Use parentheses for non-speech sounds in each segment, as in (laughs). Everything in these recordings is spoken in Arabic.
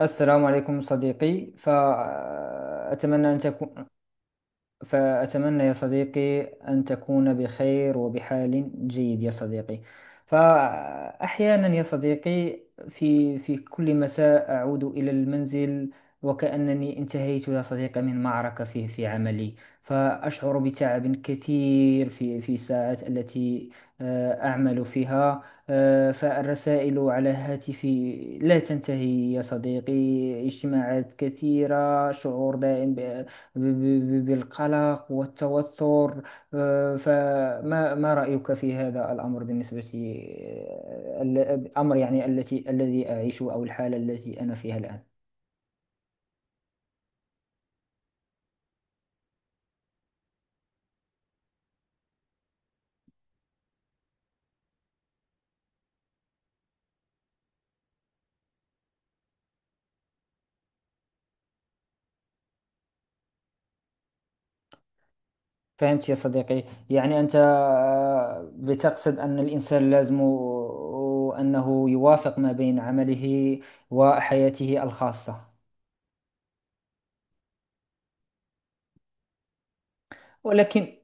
السلام عليكم صديقي، فأتمنى أن تكون. فأتمنى يا صديقي أن تكون بخير وبحال جيد يا صديقي. فأحيانا يا صديقي في كل مساء أعود إلى المنزل وكأنني انتهيت يا صديقي من معركة في عملي. فأشعر بتعب كثير في الساعات التي أعمل فيها. فالرسائل على هاتفي لا تنتهي يا صديقي. اجتماعات كثيرة، شعور دائم بالقلق والتوتر. فما ما رأيك في هذا الأمر بالنسبة الأمر يعني التي الذي أعيشه أو الحالة التي أنا فيها الآن؟ فهمت يا صديقي. يعني أنت بتقصد أن الإنسان لازم أنه يوافق ما بين عمله وحياته الخاصة. ولكن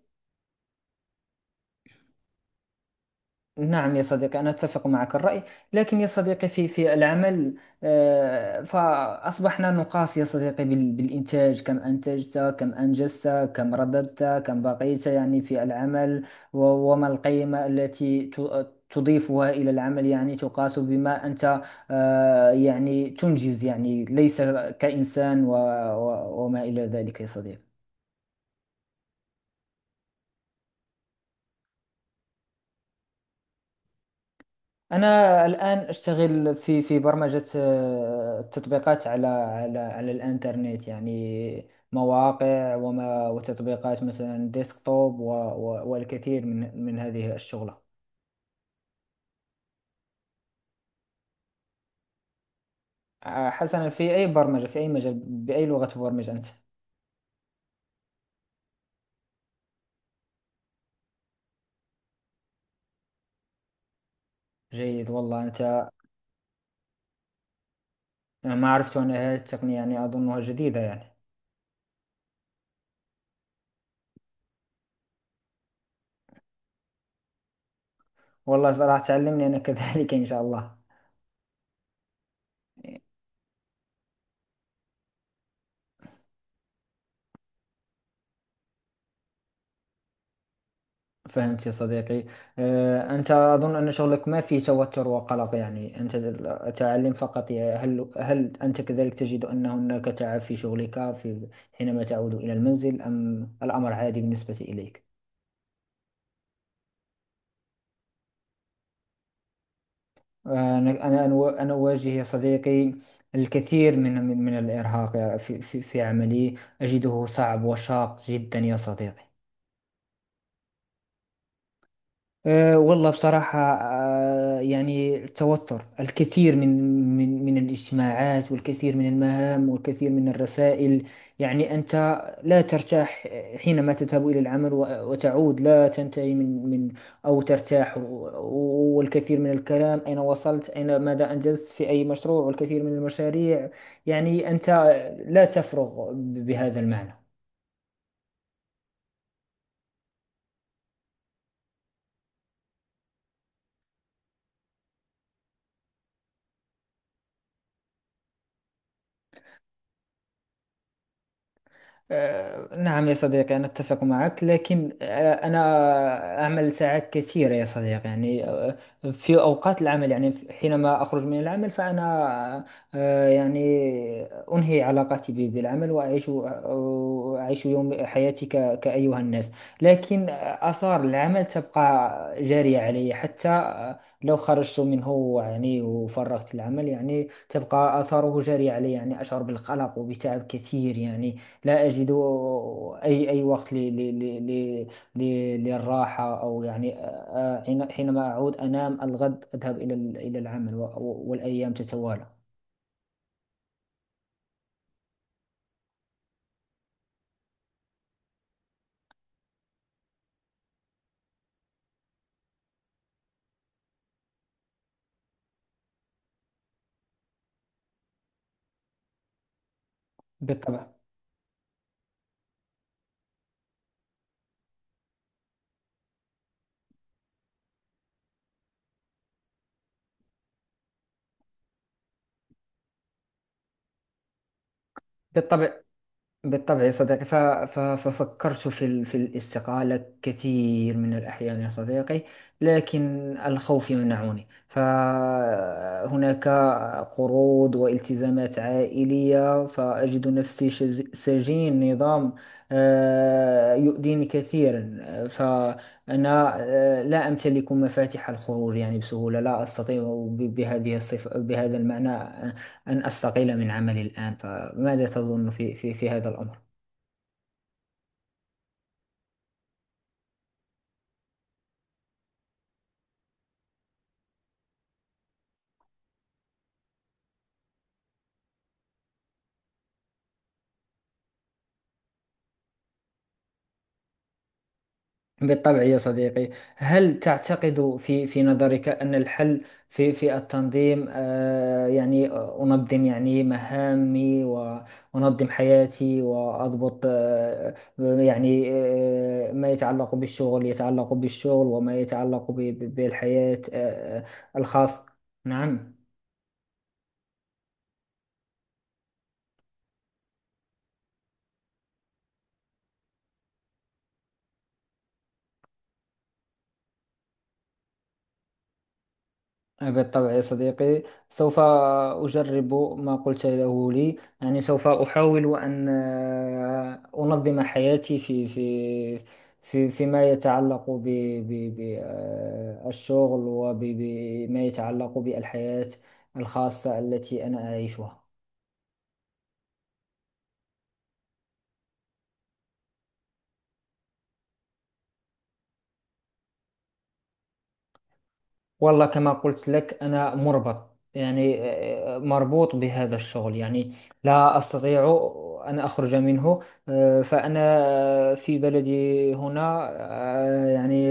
نعم يا صديقي، أنا أتفق معك الرأي. لكن يا صديقي في العمل، فأصبحنا نقاس يا صديقي بالإنتاج. كم أنتجت، كم أنجزت، كم رددت، كم بقيت يعني في العمل، وما القيمة التي تضيفها إلى العمل. يعني تقاس بما أنت يعني تنجز، يعني ليس كإنسان وما إلى ذلك يا صديقي. أنا الآن أشتغل في برمجة تطبيقات على الإنترنت، يعني مواقع وتطبيقات مثلا ديسكتوب والكثير من هذه الشغلة. حسنا، في أي برمجة، في أي مجال، بأي لغة تبرمج أنت؟ جيد والله أنت. أنا ما عرفت أن هذه التقنية يعني أظنها جديدة يعني. والله راح تعلمني أنا كذلك (laughs) إن شاء الله. فهمت يا صديقي. أنت أظن أن شغلك ما فيه توتر وقلق، يعني أنت تعلم فقط. هل أنت كذلك تجد أن هناك تعب في شغلك في حينما تعود إلى المنزل، أم الأمر عادي بالنسبة إليك؟ أنا أواجه يا صديقي الكثير من الإرهاق في عملي. أجده صعب وشاق جدا يا صديقي. أه والله بصراحة، أه يعني التوتر، الكثير من الاجتماعات، والكثير من المهام، والكثير من الرسائل. يعني أنت لا ترتاح حينما تذهب إلى العمل، وتعود لا تنتهي من أو ترتاح. والكثير من الكلام، أين وصلت، أين، ماذا أنجزت في أي مشروع، والكثير من المشاريع. يعني أنت لا تفرغ بهذا المعنى. نعم يا صديقي، أنا أتفق معك. لكن أنا أعمل ساعات كثيرة يا صديقي. يعني في أوقات العمل، يعني حينما أخرج من العمل فأنا يعني أنهي علاقتي بالعمل، وأعيش أعيش يوم حياتي كأيها الناس. لكن آثار العمل تبقى جارية علي حتى لو خرجت منه، يعني وفرغت العمل يعني تبقى آثاره جارية علي. يعني أشعر بالقلق وبتعب كثير يعني. لا أجد أي وقت للراحة أو يعني حينما أعود أنام الغد أذهب إلى إلى العمل، والأيام تتوالى. بالطبع. بالطبع. بالطبع يا صديقي. ففكرت في الاستقالة كثير من الأحيان يا صديقي. لكن الخوف يمنعني. فهناك قروض والتزامات عائلية، فأجد نفسي سجين نظام يؤذيني كثيرا. فأنا لا أمتلك مفاتيح الخروج يعني بسهولة. لا أستطيع بهذه الصفة، بهذا المعنى أن أستقيل من عملي الآن. فماذا تظن في هذا الأمر؟ بالطبع يا صديقي. هل تعتقد في نظرك أن الحل في التنظيم؟ آه يعني أنظم يعني مهامي وأنظم حياتي وأضبط آه يعني آه ما يتعلق بالشغل يتعلق بالشغل، وما يتعلق بالحياة الخاصة. نعم. بالطبع يا صديقي، سوف أجرب ما قلت له لي. يعني سوف أحاول أن أنظم حياتي في في في فيما يتعلق بالشغل وبما يتعلق بالحياة الخاصة التي أنا أعيشها. والله كما قلت لك، أنا مربط يعني آه، مربوط بهذا الشغل يعني. لا أستطيع أن أخرج منه. فأنا في بلدي هنا، آه، يعني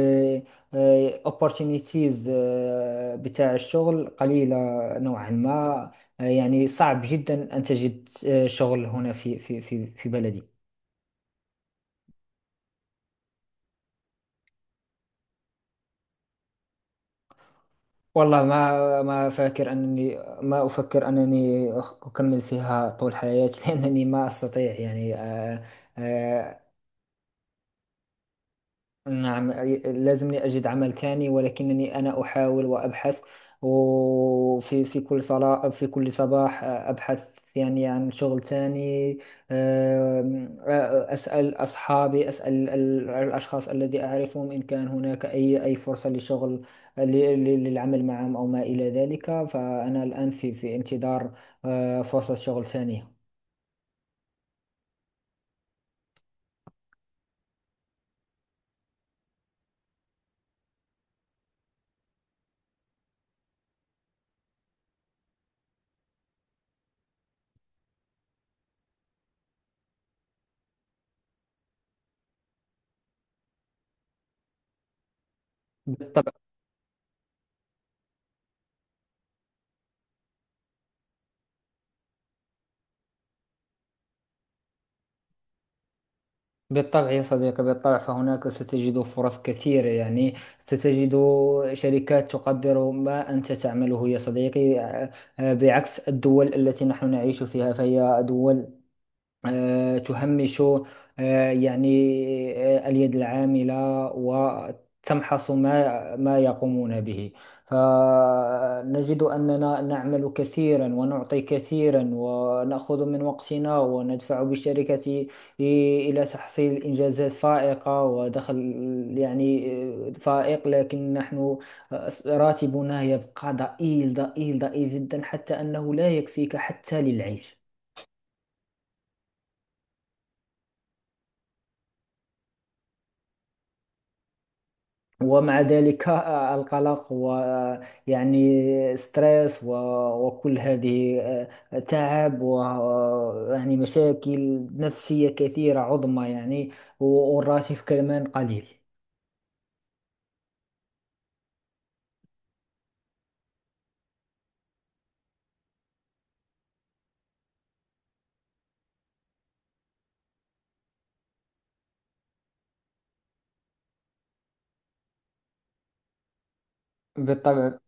آه، opportunities بتاع الشغل قليلة نوعا ما. يعني صعب جدا أن تجد شغل هنا في بلدي. والله ما فاكر أنني، ما أفكر أنني أكمل فيها طول حياتي (laughs) لأنني ما أستطيع يعني آه، نعم. لازمني أجد عمل تاني، ولكنني أنا أحاول وأبحث. وفي كل صلاة، في كل صباح أبحث يعني عن شغل تاني. أم، أسأل أصحابي، أسأل الأشخاص الذي أعرفهم إن كان هناك أي فرصة لشغل، ل- للعمل معهم أو ما إلى ذلك. فأنا الآن في انتظار فرصة شغل ثانية. بالطبع. بالطبع يا صديقي، بالطبع. فهناك ستجد فرص كثيرة يعني، ستجد شركات تقدر ما أنت تعمله يا صديقي. بعكس الدول التي نحن نعيش فيها، فهي دول تهمش آه، يعني اليد العاملة، وتمحص ما يقومون به. فنجد أننا نعمل كثيرا ونعطي كثيرا ونأخذ من وقتنا وندفع بالشركة إلى تحصيل إنجازات فائقة ودخل يعني فائق. لكن نحن راتبنا يبقى ضئيل جدا، حتى أنه لا يكفيك حتى للعيش. ومع ذلك القلق، ويعني ستريس وكل هذه تعب، ويعني مشاكل نفسية كثيرة عظمى يعني. والراتب كمان قليل. بالطبع.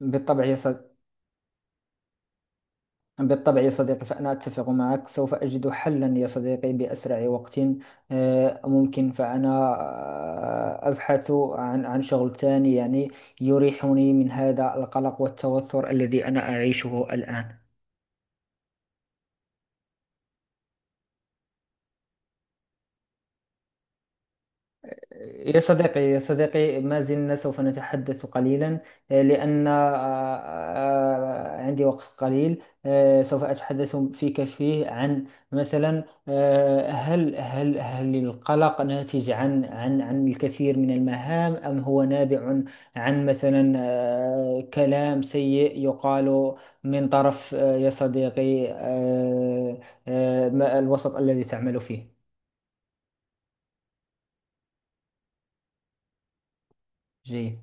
بالطبع يا صديقي. بالطبع يا صديقي، فأنا أتفق معك. سوف أجد حلا يا صديقي بأسرع وقت ممكن. فأنا أبحث عن شغل ثاني يعني، يريحني من هذا القلق والتوتر الذي أنا أعيشه الآن. يا صديقي، يا صديقي، ما زلنا سوف نتحدث قليلا. لأن عندي وقت قليل. سوف أتحدث فيك فيه عن مثلا هل القلق ناتج عن الكثير من المهام، أم هو نابع عن مثلا كلام سيء يقال من طرف آه، يا صديقي آه، آه، ما- الوسط الذي تعمل فيه؟ جيد.